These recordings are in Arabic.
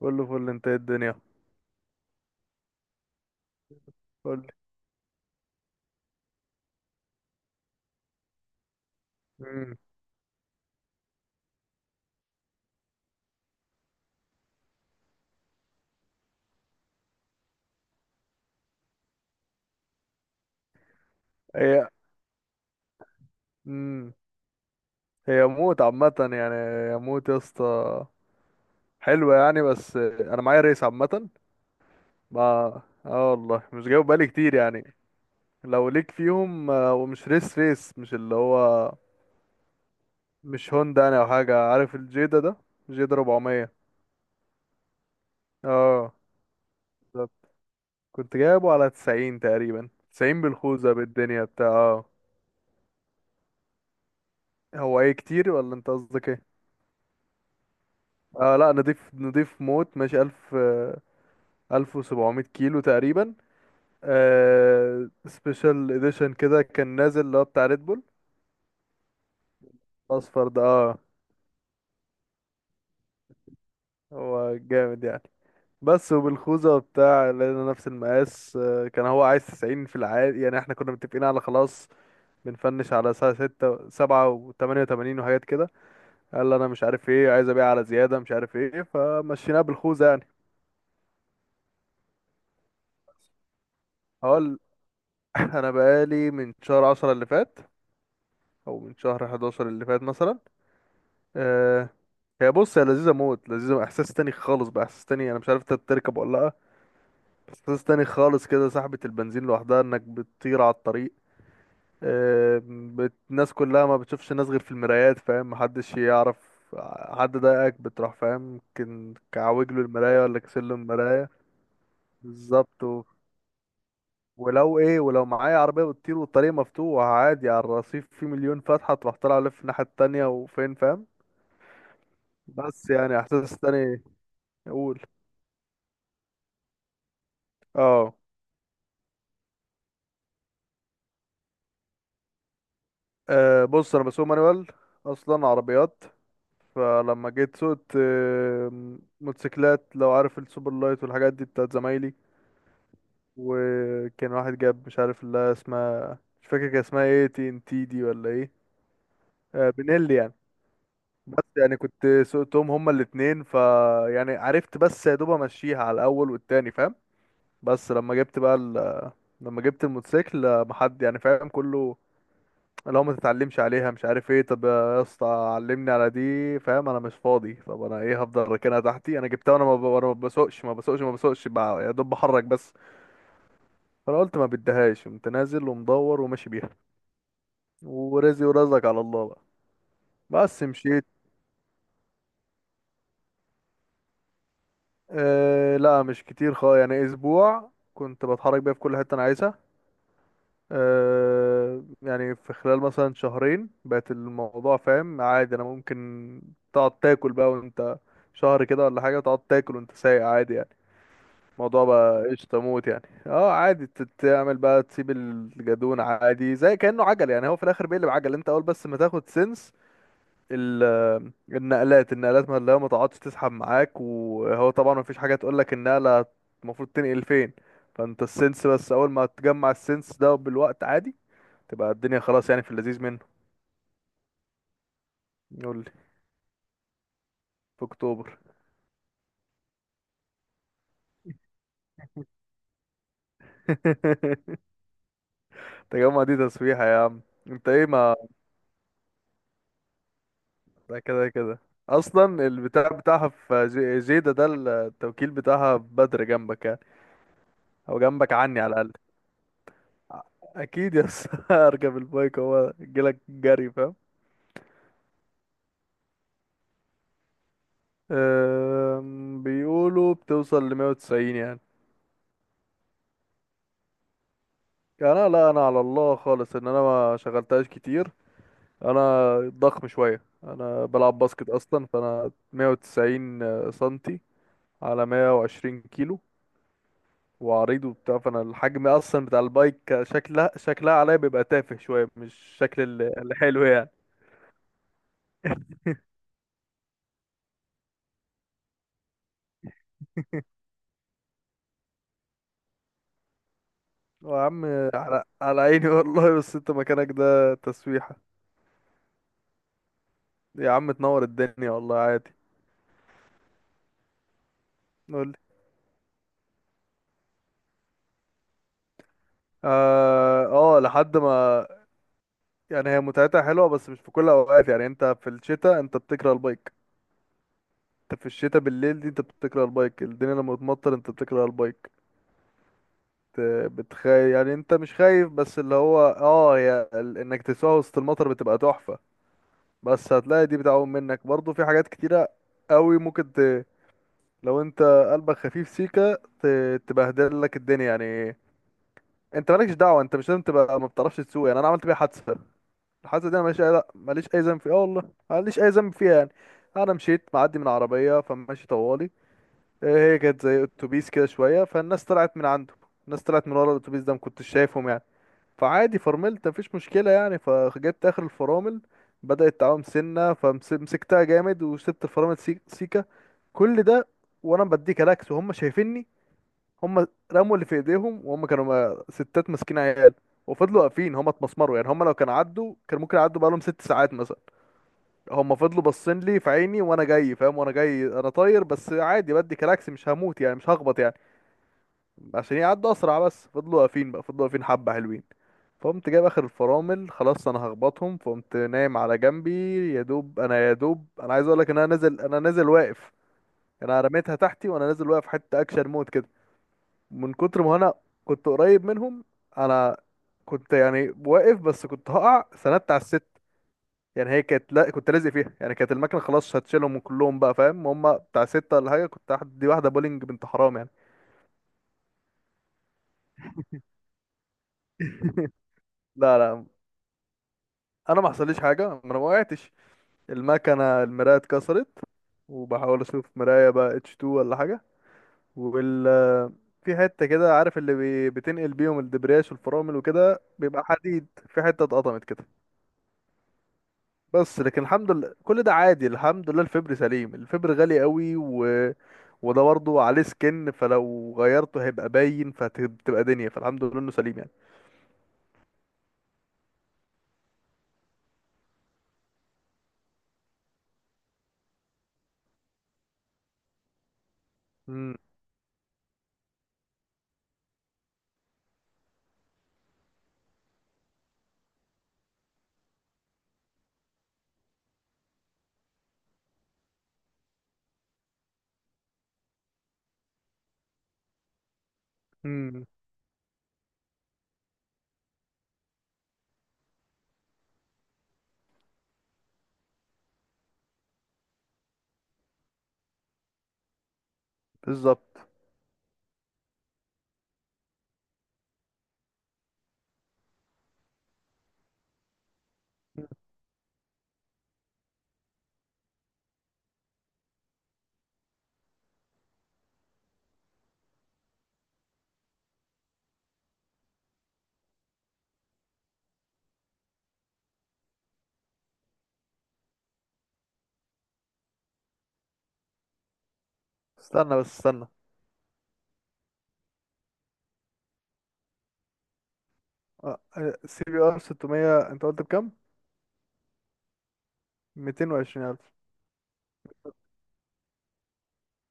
كله فل. انت ايه الدنيا؟ قول لي. امم. هي امم هي موت عامة، يعني هي موت يا اسطى. حلوة يعني، بس انا معايا ريس عامة. ما اه والله مش جايب بالي كتير يعني. لو ليك فيهم، ومش ريس ريس، مش اللي هو مش هوندا يعني، او حاجة، عارف الجيدا ده، جيدا 400. اه، بالظبط. كنت جايبه على 90 تقريبا، 90 بالخوذة بالدنيا بتاع اه هو ايه، كتير ولا انت قصدك ايه؟ اه لا، نضيف، نضيف موت، ماشي 1000. 1700 كيلو تقريبا. سبيشال اديشن كده، كان نازل اللي هو بتاع ريد بول اصفر ده. اه، هو جامد يعني. بس وبالخوذة وبتاع، لقينا نفس المقاس، كان هو عايز 90 في العادي، يعني احنا كنا متفقين على خلاص. بنفنش على الساعة ستة سبعة وتمانية وتمانين وحاجات كده. قال لي انا مش عارف ايه، عايز ابيع على زيادة، مش عارف ايه، فمشيناها بالخوذة يعني. هقول. انا بقالي من شهر عشرة اللي فات، او من شهر حداشر اللي فات مثلا. آه، هي بص، هي لذيذة موت، لذيذة، احساس تاني خالص بقى، احساس تاني، انا مش عارف انت تركب ولا لا. بس احساس تاني خالص كده، سحبة البنزين لوحدها، انك بتطير على الطريق. الناس كلها ما بتشوفش الناس غير في المرايات، فاهم؟ محدش يعرف. حد ضايقك بتروح، فاهم؟ يمكن كعوج له المراية ولا كسر له المراية. بالظبط ولو معايا عربية بتطير والطريق مفتوح، عادي على الرصيف، في مليون فتحة تروح، طالع لف الناحية التانية وفين، فاهم. بس يعني احساس تاني. اقول. اه. أه، بص، انا بسوق مانوال اصلا عربيات. فلما جيت سوقت موتوسيكلات، لو عارف السوبر لايت والحاجات دي بتاعت زمايلي. وكان واحد جاب، مش عارف اللي اسمها، مش فاكر كان اسمها ايه، TNTD ولا ايه. آه، بنيلي يعني. بس يعني كنت سوقتهم هما الاتنين، يعني عرفت، بس يا دوب امشيها على الاول والتاني، فاهم. بس لما جبت بقى لما جبت الموتوسيكل، محد يعني فاهم كله. لو ما تتعلمش عليها مش عارف ايه، طب يا اسطى علمني على دي، فاهم، انا مش فاضي، طب انا ايه، هفضل راكنها تحتي، انا جبتها وانا ما ب- وانا ما بسوقش ما بسوقش ما بسوقش، يا دوب بحرك بس. فانا قلت ما بديهاش، قمت نازل ومدور وماشي بيها، ورزقي ورزقك على الله بقى. بس مشيت. آه لا، مش كتير خالص يعني، اسبوع كنت بتحرك بيها في كل حته انا عايزها. يعني في خلال مثلا شهرين بقت الموضوع، فاهم، عادي، انا ممكن. تقعد تاكل بقى وانت شهر كده، ولا حاجة، تقعد تاكل وانت سايق عادي يعني. الموضوع بقى قشطة موت يعني، اه عادي، تعمل بقى، تسيب الجدون عادي زي كأنه عجل يعني. هو في الاخر بيقلب عجل، انت اول بس ما تاخد سنس. النقلات، النقلات ما اللي هو، ما تقعدش تسحب معاك، وهو طبعا ما فيش حاجة تقول لك النقلة المفروض تنقل فين. فانت السنس بس، اول ما تجمع السنس ده بالوقت، عادي تبقى الدنيا خلاص، يعني في اللذيذ منه. يقول لي. في اكتوبر. تجمع دي تسويحة يا عم. انت ايه ما ده كده كده. اصلا البتاع بتاعها في زيدة ده. التوكيل بتاعها في بدر جنبك يعني، او جنبك عني على الاقل. اكيد يا اسطى. اركب البايك، هو جيلك جري فاهم. بيقولوا بتوصل ل 190 يعني. يعني انا، لا، انا على الله خالص ان انا ما شغلتهاش كتير. انا ضخم شويه، انا بلعب باسكت اصلا، فانا 190 سنتي على 120 كيلو، وعريض وبتاع. فانا الحجم اصلا بتاع البايك، شكلها عليا بيبقى تافه شويه، مش الشكل الحلو يعني. يا عم على عيني والله، بس انت مكانك ده تسويحه. يا عم تنور الدنيا والله عادي. قول لي. اه، آه، لحد ما. يعني هي متعتها حلوه بس مش في كل الاوقات، يعني انت في الشتاء انت بتكره البايك، انت في الشتاء بالليل دي انت بتكره البايك، الدنيا لما بتمطر انت بتكره البايك. بت- بتخايف يعني، انت مش خايف، بس اللي هو هي انك تسوق وسط المطر بتبقى تحفة، بس هتلاقي دي بتعوم منك برضو، في حاجات كتيرة قوي ممكن لو انت قلبك خفيف سيكا تبهدل لك الدنيا يعني. انت مالكش دعوة، انت مش لازم تبقى ما بتعرفش تسوق، يعني انا عملت بيها حادثة. الحادثة دي انا ماليش اي لا، ماليش اي ذنب فيها، اه والله ماليش اي ذنب فيها يعني. انا مشيت معدي من عربية، فماشي طوالي. إيه، هي كانت زي اتوبيس كده شويه، فالناس طلعت من عنده، الناس طلعت من ورا الاتوبيس ده، ما كنتش شايفهم يعني. فعادي فرملت، مفيش مشكله يعني، فجبت اخر الفرامل، بدات تعوم سنه، فمسكتها جامد وسبت الفرامل سيكه. كل ده وانا بديك الاكس وهم شايفيني. هم رموا اللي في ايديهم، وهم كانوا ستات ماسكين عيال، وفضلوا واقفين، هم اتمسمروا يعني، هم لو كانوا عدوا كان ممكن يعدوا بقالهم ست ساعات مثلا. هم فضلوا باصين لي في عيني وانا جاي، فاهم، وانا جاي انا طاير، بس عادي بدي كلاكس، مش هموت يعني، مش هخبط يعني، عشان يعدوا اسرع. بس فضلوا واقفين بقى، فضلوا واقفين حبه حلوين. فقمت جايب اخر الفرامل، خلاص انا هخبطهم، فقمت نايم على جنبي. يا دوب انا عايز اقول لك ان انا نازل واقف. يعني انا رميتها تحتي وانا نازل واقف، حته اكشن مود كده، من كتر ما انا كنت قريب منهم. انا كنت يعني واقف، بس كنت هقع، سندت على الست، يعني هي كانت، لا كنت لازق فيها يعني، كانت المكنه خلاص هتشيلهم كلهم بقى فاهم. هم بتاع سته ولا حاجه، كنت دي واحده بولينج، بنت حرام يعني. لا لا، انا ما حصليش حاجه، ما انا ما وقعتش. المكنه المرايه اتكسرت، وبحاول اشوف مرايه بقى، H2 ولا حاجه. وال في حته كده، عارف اللي بتنقل بيهم الدبرياش والفرامل وكده، بيبقى حديد، في حته اتقطمت كده. بس لكن الحمد لله، كل ده عادي، الحمد لله الفبر سليم، الفبر غالي قوي وده برضه عليه سكن، فلو غيرته هيبقى باين، فتبقى دنيا، فالحمد لله انه سليم يعني. امم. بالظبط. استنى بس استنى. آه، آه، CBR 600، انت قلت بكام؟ 220 الف؟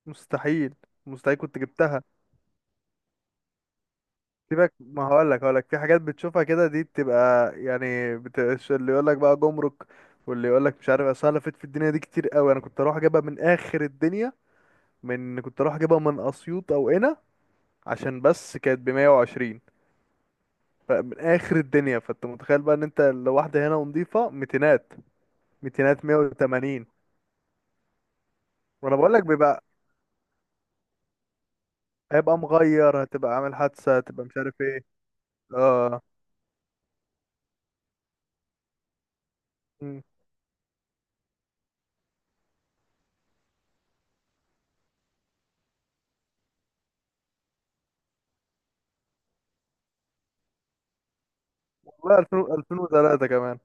مستحيل، مستحيل كنت جبتها. سيبك، ما هقول لك في حاجات بتشوفها كده، دي بتبقى يعني، بتبقاش اللي يقول لك بقى جمرك، واللي يقول لك مش عارف، اصل أنا لفيت في الدنيا دي كتير قوي. انا كنت اروح اجيبها من اخر الدنيا، كنت اروح اجيبها من اسيوط او هنا، عشان بس كانت ب 120. فمن اخر الدنيا، فانت متخيل بقى ان انت لو واحده هنا ونضيفه ميتينات، ميتينات 180. وانا بقول لك هيبقى مغير، هتبقى عامل حادثة، هتبقى مش عارف ايه. اه. مم. والله 2000 2003 كمان.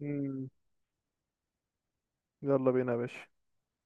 مم. يلا بينا يا باشا.